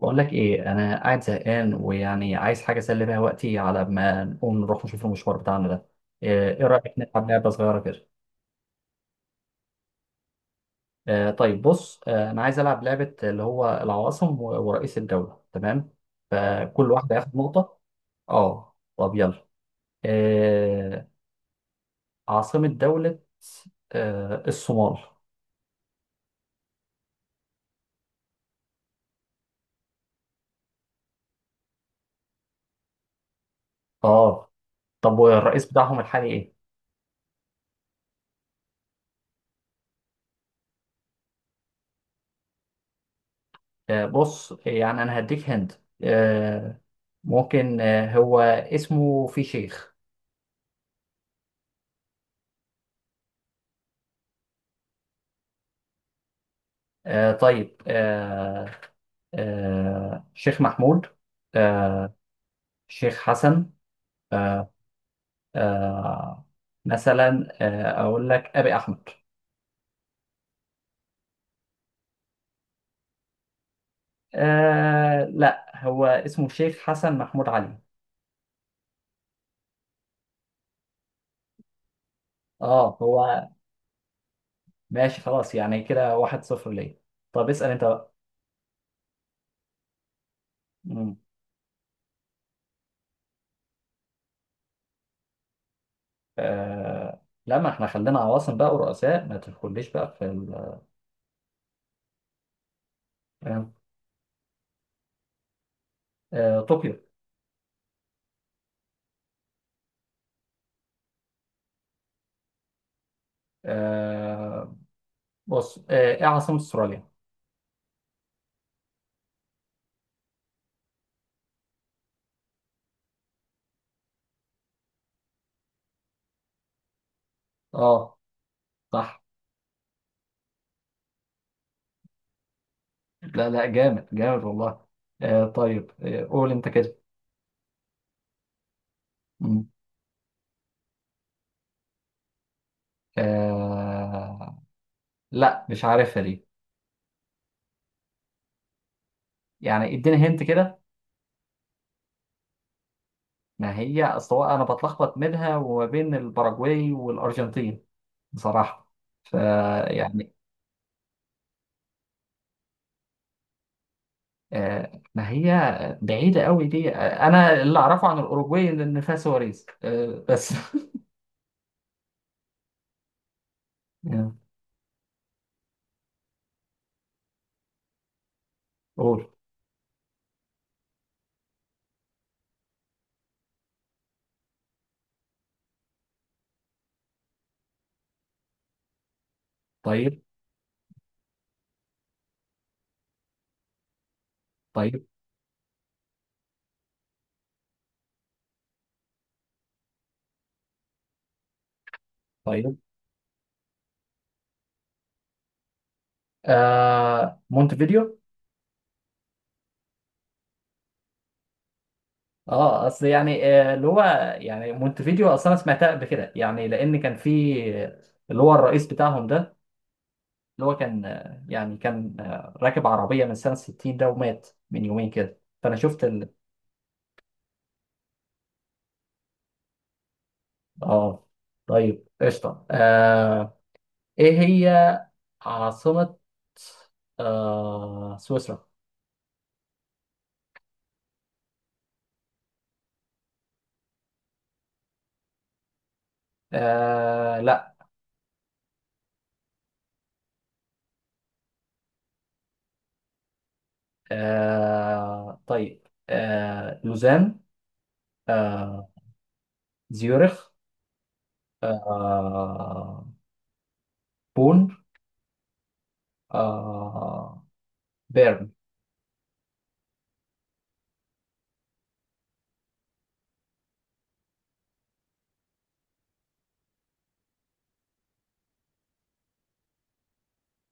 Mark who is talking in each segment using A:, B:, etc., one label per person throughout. A: بقول لك ايه، انا قاعد زهقان ويعني عايز حاجه اسلي بيها وقتي على ما نقوم نروح نشوف المشوار بتاعنا ده. إيه رايك نلعب لعبه صغيره كده؟ طيب بص، انا عايز العب لعبه اللي هو العواصم ورئيس الدوله، تمام؟ فكل واحد هياخد نقطه. اه، طب يلا. آه عاصمه دوله. الصومال. اه، طب والرئيس بتاعهم الحالي ايه؟ بص، يعني انا هديك هند. آه ممكن، هو اسمه في شيخ. طيب، شيخ محمود، آه شيخ حسن. آه آه، مثلا أقول لك أبي أحمد. لا، هو اسمه شيخ حسن محمود علي. اه، هو. ماشي، خلاص. يعني كده واحد صفر ليه. طب اسأل أنت بقى. مم. آه لا، ما احنا خلينا عواصم بقى ورؤساء، ما تدخليش بقى في ال. طوكيو. آه بص، ايه عاصمة استراليا؟ اه، صح. لا لا، جامد جامد والله. طيب، قول انت كده. مم. آه لا، مش عارفها دي. يعني اديني هنت كده. ما هي اصل هو انا بتلخبط منها وما بين الباراجواي والارجنتين، بصراحة. فيعني ما هي بعيدة قوي دي. انا اللي اعرفه عن الاوروجواي إن فيها سواريز، بس. آه، قول. طيب، طيب، طيب. مونتفيديو. اه، اصل يعني، اللي هو، يعني مونتفيديو اصلا انا سمعتها قبل كده، يعني لان كان في اللي هو الرئيس بتاعهم ده، اللي هو كان راكب عربيه من سنه 60 ده، ومات من يومين كده، فانا شفت ال. اه، طيب قشطه. ايه هي عاصمه سويسرا؟ لا. طيب، لوزان، آه زيورخ، آه بون، آه بيرن.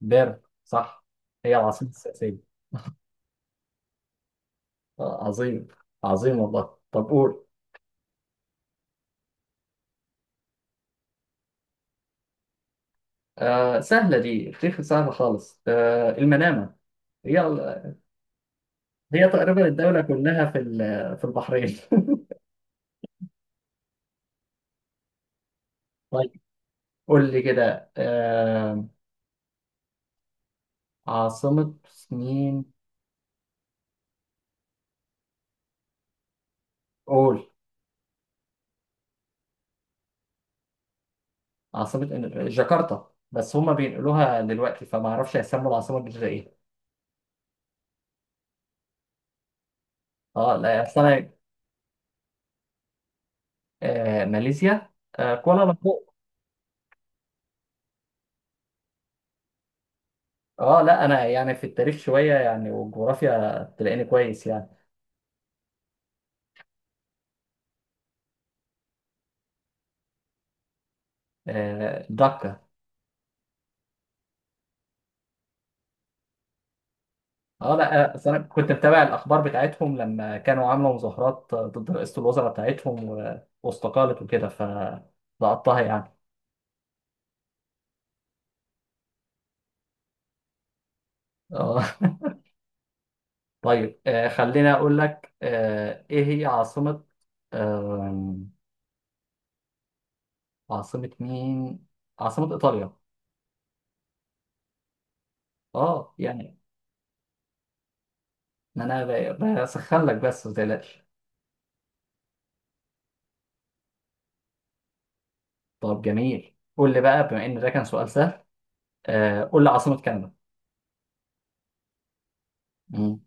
A: بيرن صح، هي العاصمة السياسية. عظيم، عظيم والله. طب قول. سهلة دي، اختيار سهلة خالص، المنامة. هي ال- هي تقريبا الدولة كلها في البحرين. طيب. قول لي كده، عاصمة مين؟ قول. عاصمة جاكرتا، بس هما بينقلوها دلوقتي فما اعرفش هيسموا العاصمة الجديدة ايه. اه، لا، اصل انا. ماليزيا، كوالالمبور. اه لا، انا يعني في التاريخ شويه، يعني، والجغرافيا تلاقيني كويس يعني. دكه. اه لا، أصل انا كنت متابع الاخبار بتاعتهم لما كانوا عاملوا مظاهرات ضد رئاسه الوزراء بتاعتهم واستقالت وكده، فلقطتها يعني. اه. طيب، خليني اقول لك. ايه هي عاصمه، آه عاصمه مين، عاصمه ايطاليا؟ اه يعني، ما انا بسخن لك بس، ما تقلقش. طب جميل، قول لي بقى، بما ان ده كان سؤال سهل، قول لي عاصمة كندا. مم.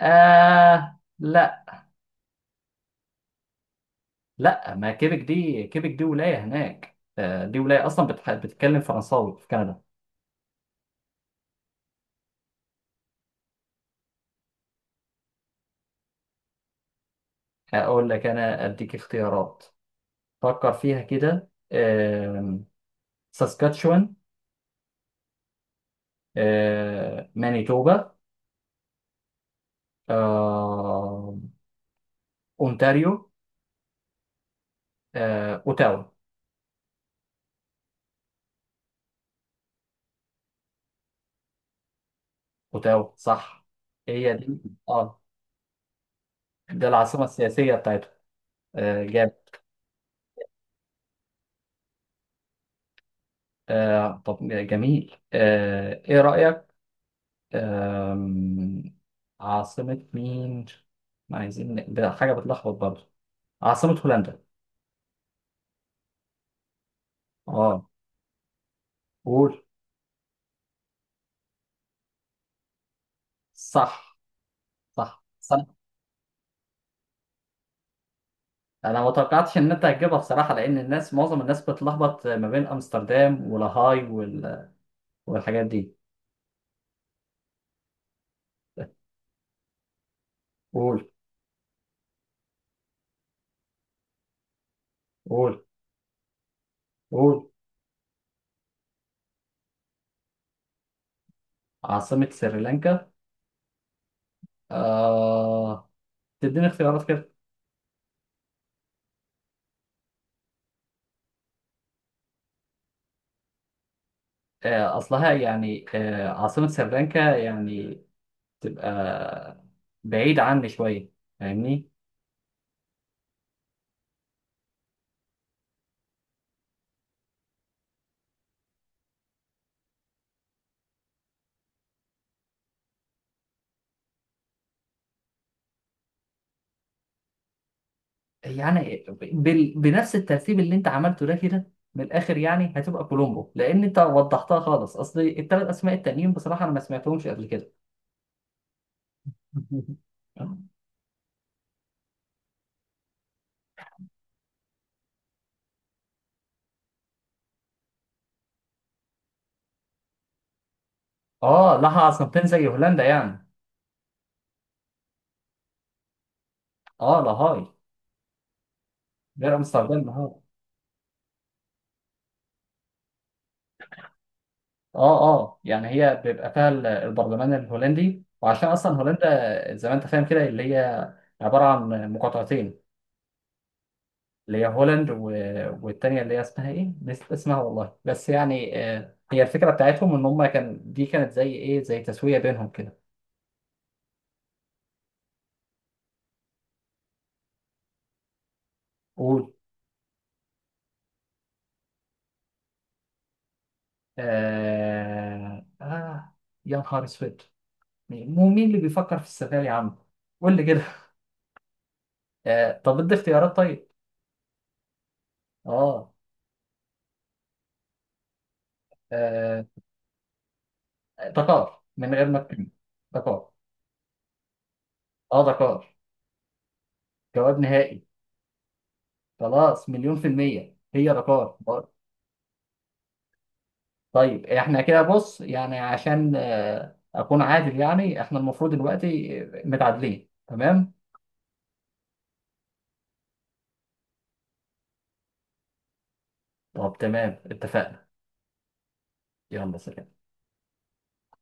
A: لا لا، ما كيبك دي ولاية هناك. دي ولاية أصلا بتتكلم فرنساوي في كندا. أقول لك أنا أديك اختيارات. فكر فيها كده. ساسكاتشوان، مانيتوبا، آه أونتاريو، أوتاوا. أوتاوا صح، هي دي. اه، ده العاصمة السياسية بتاعتها. جاب. طب جميل، إيه رأيك؟ أم... عاصمة مين؟ ما عايزين ده حاجة بتلخبط برضه. عاصمة هولندا. اه، قول. صح، صح، صح. انا ما توقعتش ان انت هتجيبها بصراحة، لان معظم الناس بتلخبط ما بين امستردام ولاهاي وال. والحاجات دي. قول، قول، قول. عاصمة سريلانكا. آه تديني اختيارات كده. أصلها يعني، عاصمة سريلانكا يعني تبقى بعيد عني شوية، فاهمني؟ يعني بنفس الترتيب اللي انت عملته ده، كده من الاخر، يعني هتبقى كولومبو، لان انت وضحتها خالص، اصل الثلاث اسماء التانيين بصراحه انا ما سمعتهمش قبل كده. اه، لها عاصمتين زي هولندا يعني. اه، لاهاي. غير امستردام، لاهاي. اه اه، يعني هي بيبقى فيها البرلمان الهولندي، وعشان اصلا هولندا زي ما انت فاهم كده، اللي هي عباره عن مقاطعتين، اللي هي هولند و... والتانية اللي هي اسمها ايه؟ نسيت اسمها والله. بس يعني، هي الفكرة بتاعتهم ان هم كان دي كانت زي ايه، زي تسوية بينهم كده. قول. آه... آه... يا نهار اسود. مين مو مين اللي بيفكر في السفاري يا عم؟ قول لي كده. طب ادي اختيارات طيب. اه. آه، دكار، من غير ما تكلم. دكار. اه، دكار. جواب نهائي. خلاص، مليون في المية هي دكار. طيب، احنا كده بص يعني، عشان اكون عادل يعني، احنا المفروض دلوقتي متعادلين، تمام. طب تمام، اتفقنا. يلا سلام.